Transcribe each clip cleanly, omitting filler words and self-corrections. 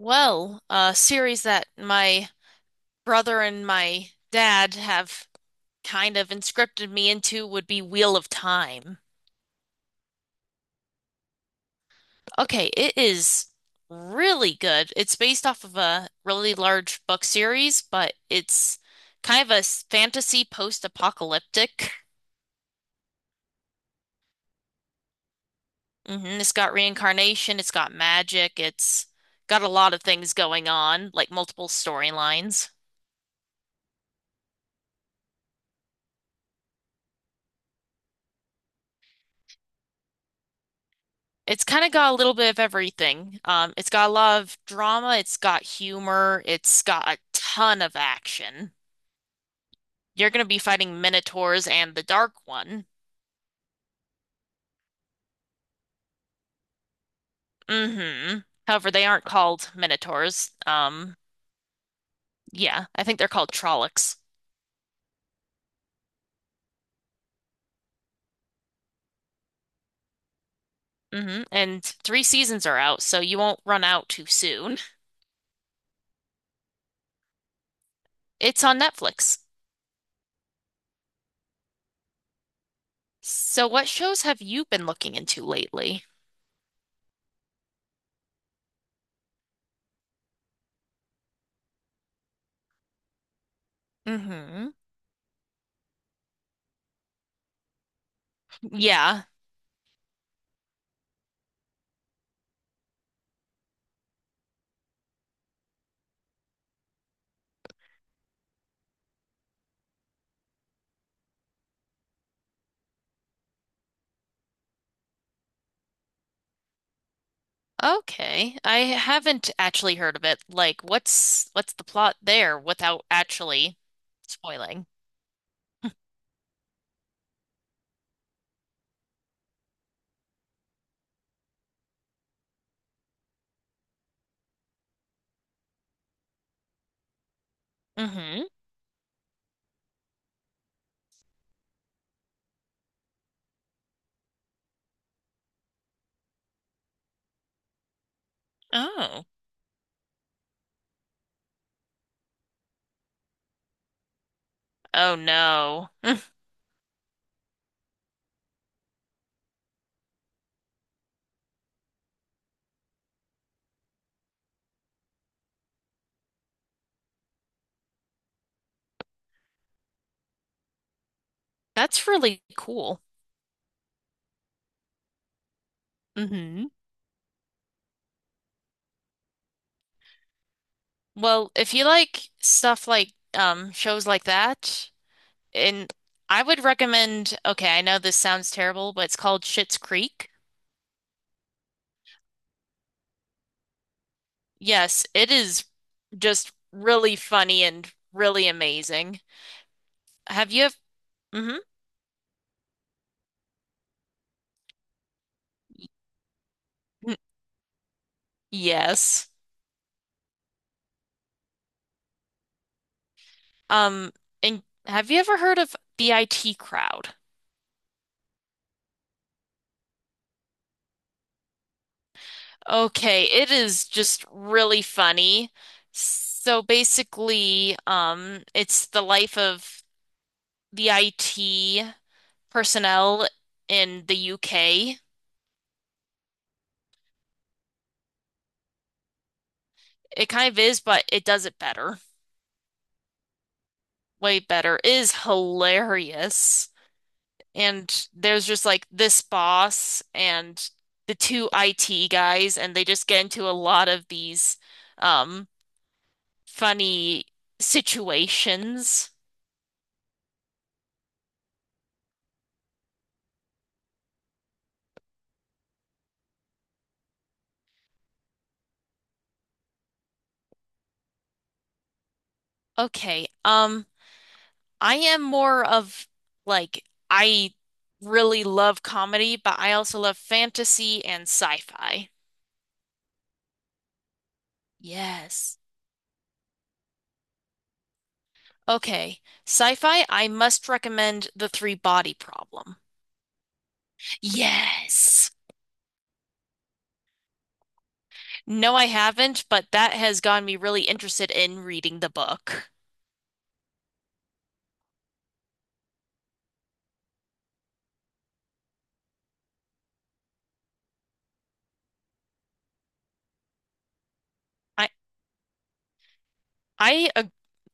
Well, a series that my brother and my dad have kind of inscripted me into would be Wheel of Time. Okay, it is really good. It's based off of a really large book series, but it's kind of fantasy post-apocalyptic. It's got reincarnation, it's got magic, it's got a lot of things going on, like multiple storylines. It's kind of got a little bit of everything. It's got a lot of drama, it's got humor, it's got a ton of action. You're going to be fighting minotaurs and the Dark One. hmm However, they aren't called minotaurs. Yeah, I think they're called Trollocs. And three seasons are out, so you won't run out too soon. It's on Netflix. So, what shows have you been looking into lately? Hmm. Yeah. Okay. I haven't actually heard of it. Like, what's the plot there without actually spoiling? Mm-hmm. Oh. Oh no. That's really cool. Mm-hmm. Well, if you like stuff like shows like that, and I would recommend, okay, I know this sounds terrible, but it's called Schitt's Creek. Yes, it is just really funny and really amazing. Have you? Mm-hmm. Yes. Um, and have you ever heard of the IT crowd? Okay, it is just really funny. So basically, it's the life of the IT personnel in the UK. It kind of is, but it does it better, way better. It is hilarious. And there's just like this boss and the two IT guys, and they just get into a lot of these. Um, Funny situations. Okay. I am more of like I really love comedy, but I also love fantasy and sci-fi. Yes. Okay. Sci-fi, I must recommend The Three Body Problem. Yes. No, I haven't, but that has gotten me really interested in reading the book. I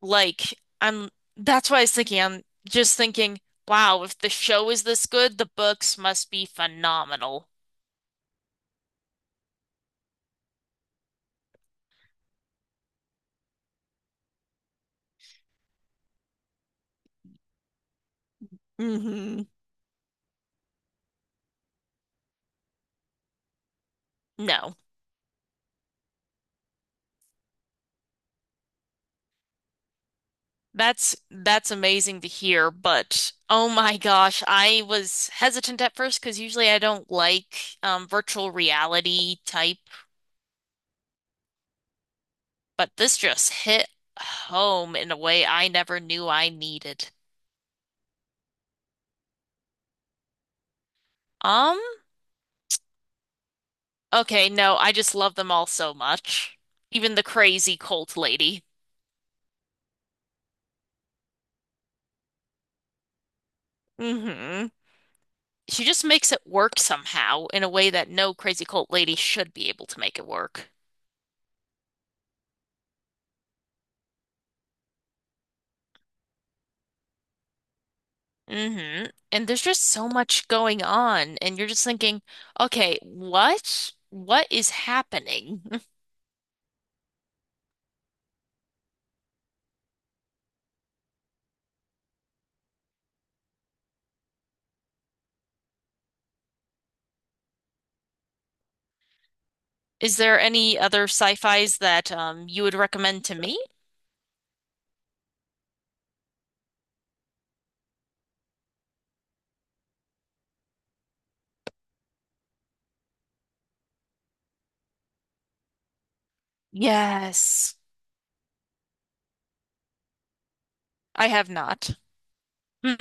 like I'm That's why I was thinking I'm just thinking, wow, if the show is this good, the books must be phenomenal. hmm No. That's amazing to hear, but oh my gosh, I was hesitant at first because usually I don't like virtual reality type, but this just hit home in a way I never knew I needed. Um, okay, no, I just love them all so much. Even the crazy cult lady. hmm She just makes it work somehow in a way that no crazy cult lady should be able to make it work. hmm And there's just so much going on, and you're just thinking, okay, what? What is happening? Is there any other sci-fis that you would recommend to me? Yes. I have not. Hmm.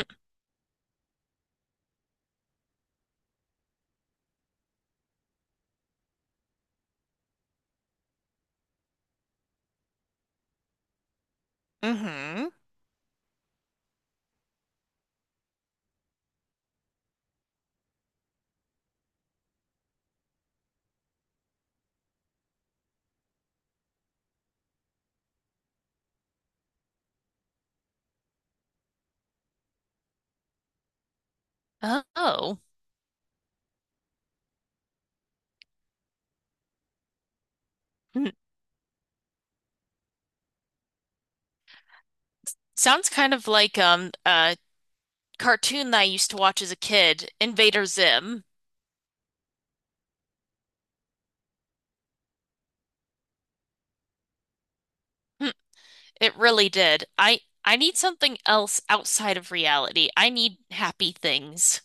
hmm Oh, Hmm. sounds kind of like a cartoon that I used to watch as a kid, Invader Zim. It really did. I need something else outside of reality. I need happy things.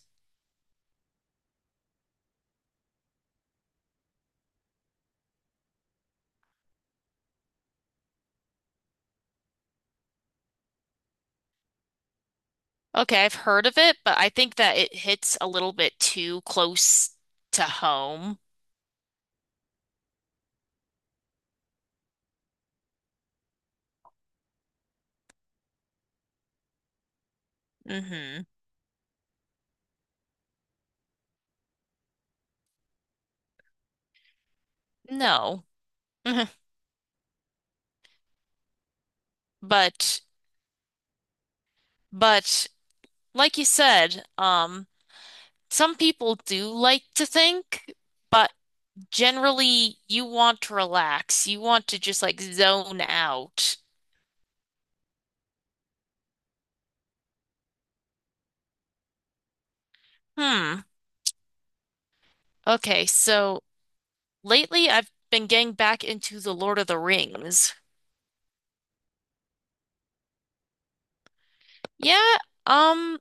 Okay, I've heard of it, but I think that it hits a little bit too close to home. hmm No. Mhm. But but like you said, some people do like to think, but generally you want to relax. You want to just like zone out. Hmm. Okay, so lately, I've been getting back into The Lord of the Rings. Yeah, um,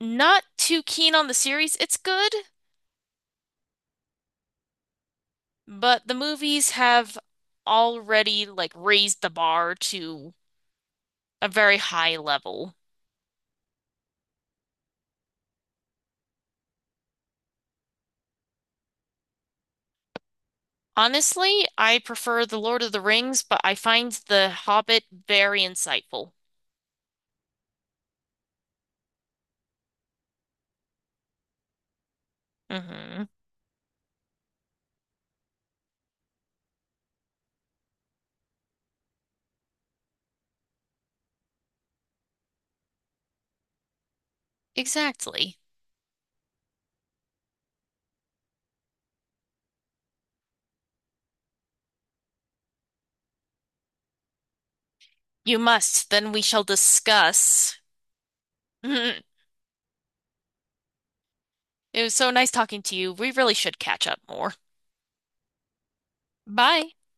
not too keen on the series. It's good, but the movies have already like raised the bar to a very high level. Honestly, I prefer The Lord of the Rings, but I find The Hobbit very insightful. hmm Exactly. You must. Then we shall discuss. It was so nice talking to you. We really should catch up more. Bye.